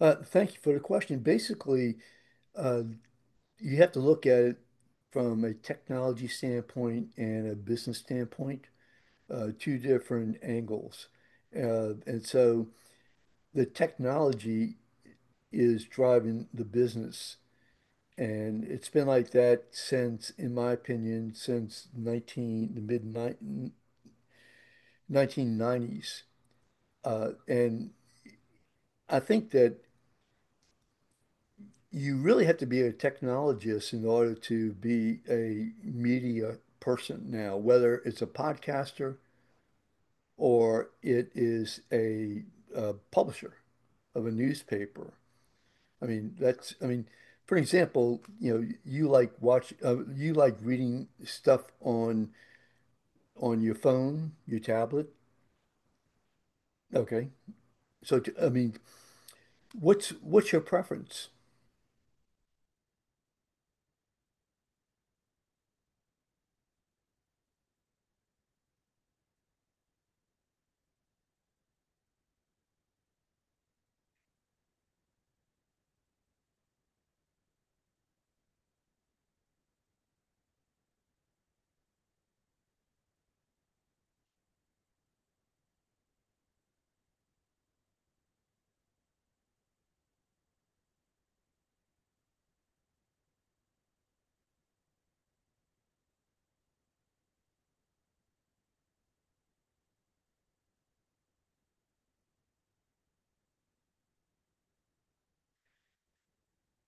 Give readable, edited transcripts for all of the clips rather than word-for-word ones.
Thank you for the question. Basically, uh, you have to look at it from a technology standpoint and a business standpoint, two different angles. And so the technology is driving the business. And it's been like that since, in my opinion, since 19, the mid ni- 1990s. And I think that you really have to be a technologist in order to be a media person now, whether it's a podcaster or it is a publisher of a newspaper. I mean, that's, I mean, for example, you like you like reading stuff on your phone, your tablet. Okay. So, what's your preference?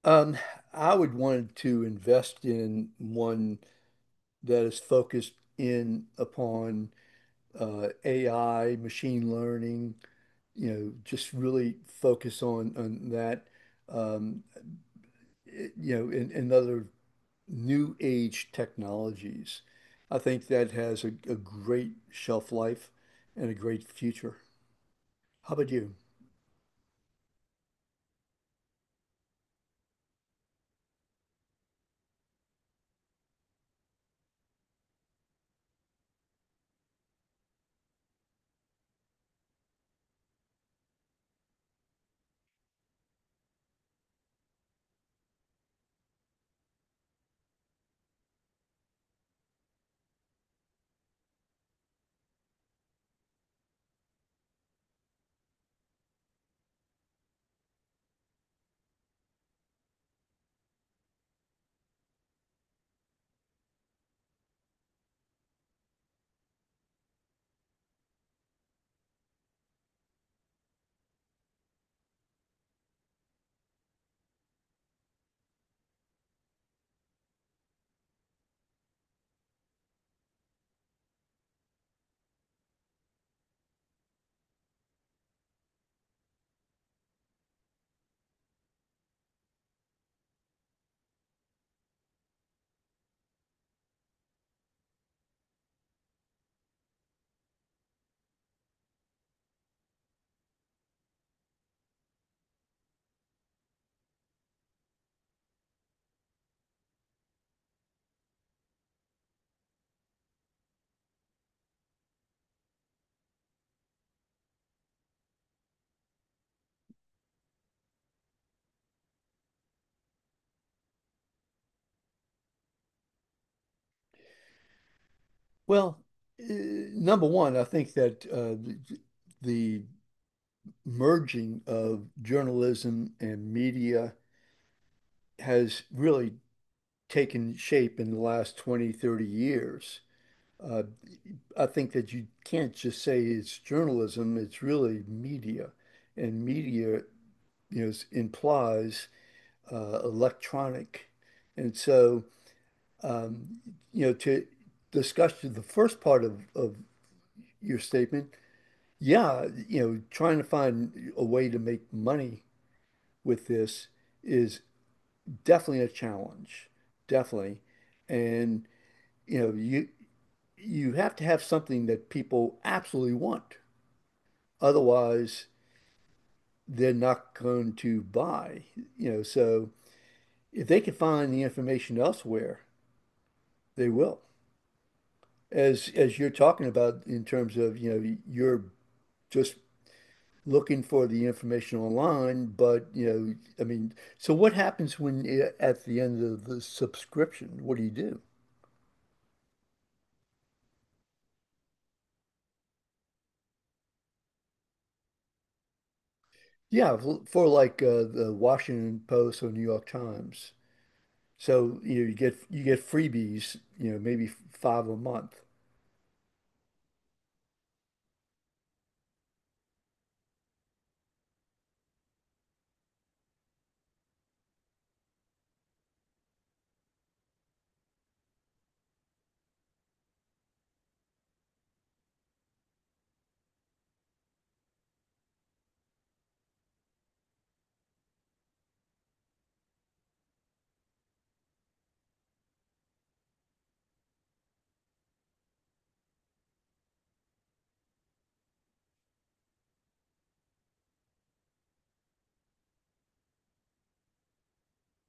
Um, I would want to invest in one that is focused in upon AI, machine learning, you know, just really focus on that, um, you know, and other new age technologies. I think that has a great shelf life and a great future. How about you? Well, number one, I think that the merging of journalism and media has really taken shape in the last 20, 30 years. Uh, I think that you can't just say it's journalism, it's really media. And media, implies electronic. And so, um, you know, to discuss the first part of your statement, yeah, you know, trying to find a way to make money with this is definitely a challenge, definitely. And, you know, you have to have something that people absolutely want. Otherwise, they're not going to buy. You know, so if they can find the information elsewhere, they will. As you're talking about in terms of, you know, you're just looking for the information online, but you know, I mean, so what happens when at the end of the subscription? What do you do? Yeah, for like the Washington Post or New York Times. So, you know, you get freebies, you know, maybe five a month.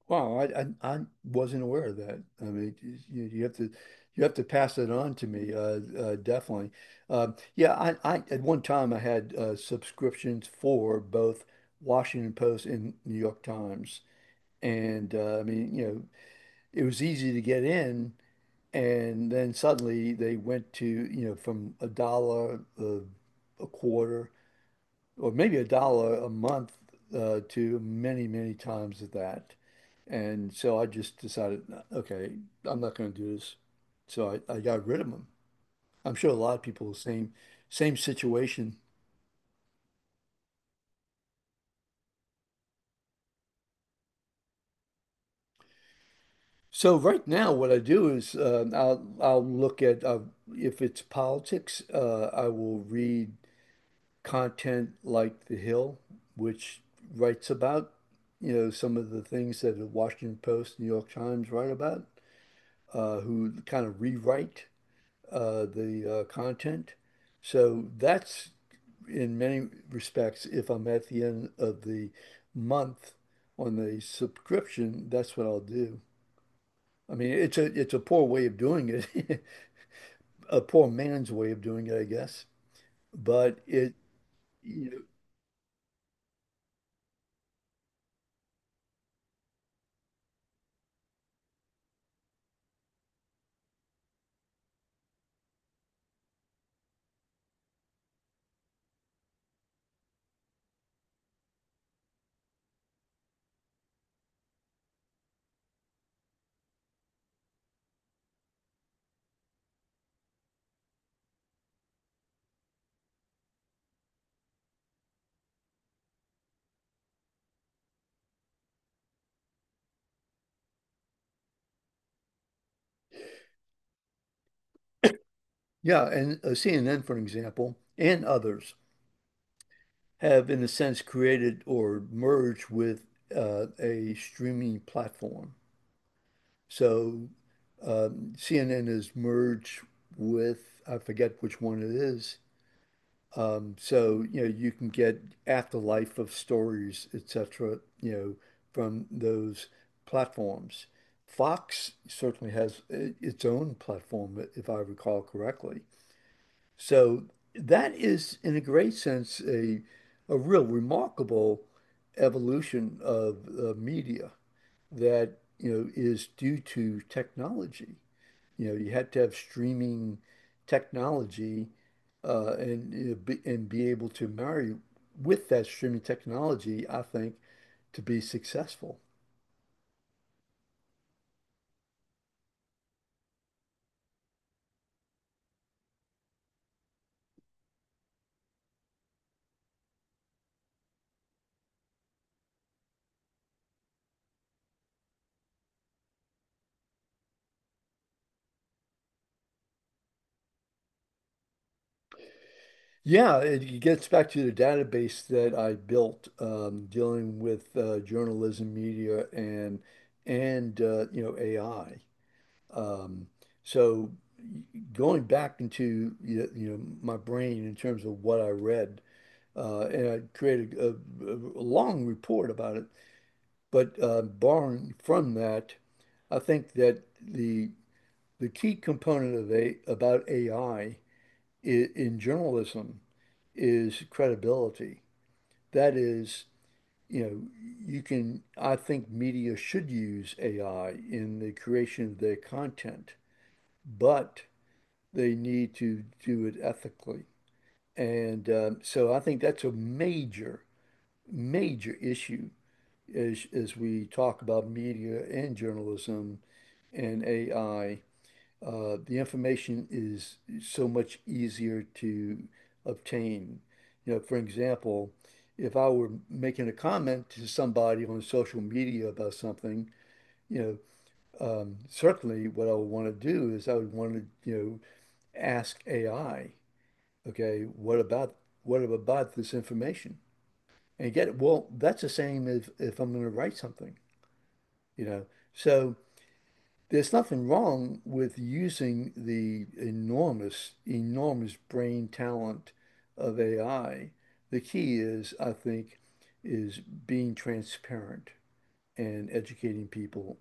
Wow, I wasn't aware of that. I mean, you, you have to you have to pass it on to me, definitely. Uh, yeah, I at one time I had subscriptions for both Washington Post and New York Times, and I mean, you know, it was easy to get in, and then suddenly they went to you know from a dollar, a quarter or maybe a dollar a month to many, many times of that. And so I just decided, okay, I'm not going to do this. So I got rid of them. I'm sure a lot of people, same, same situation. So right now, what I do is I'll look at if it's politics, I will read content like The Hill, which writes about, you know, some of the things that the Washington Post, New York Times write about. Who kind of rewrite the content. So that's in many respects, if I'm at the end of the month on the subscription, that's what I'll do. I mean, it's a poor way of doing it, a poor man's way of doing it, I guess. But it, you know, yeah, and CNN, for example, and others have, in a sense, created or merged with a streaming platform. So CNN is merged with, I forget which one it is. You know, you can get afterlife of stories, etc., you know, from those platforms. Fox certainly has its own platform, if I recall correctly. So that is, in a great sense, a real remarkable evolution of media that, you know, is due to technology. You know, you had to have streaming technology and you know, and be able to marry with that streaming technology, I think, to be successful. Yeah, it gets back to the database that I built dealing with journalism, media, and you know AI. Um, so going back into you know, my brain in terms of what I read, and I created a long report about it. But barring from that, I think that the key component of a about AI in journalism is credibility. That is, you know, you can, I think media should use AI in the creation of their content, but they need to do it ethically. And so I think that's a major, major issue as we talk about media and journalism and AI, the information is so much easier to obtain. You know, for example, if I were making a comment to somebody on social media about something, you certainly what I would want to do is I would want to, you know, ask AI, okay, what about this information? And get it. Well, that's the same as if I'm going to write something. You know. So there's nothing wrong with using the enormous, enormous brain talent of AI. The key is, I think, is being transparent and educating people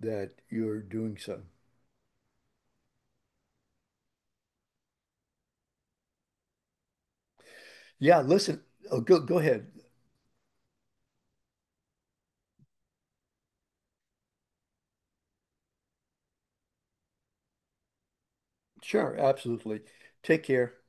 that you're doing so. Yeah, listen, oh, go ahead. Sure, absolutely. Take care.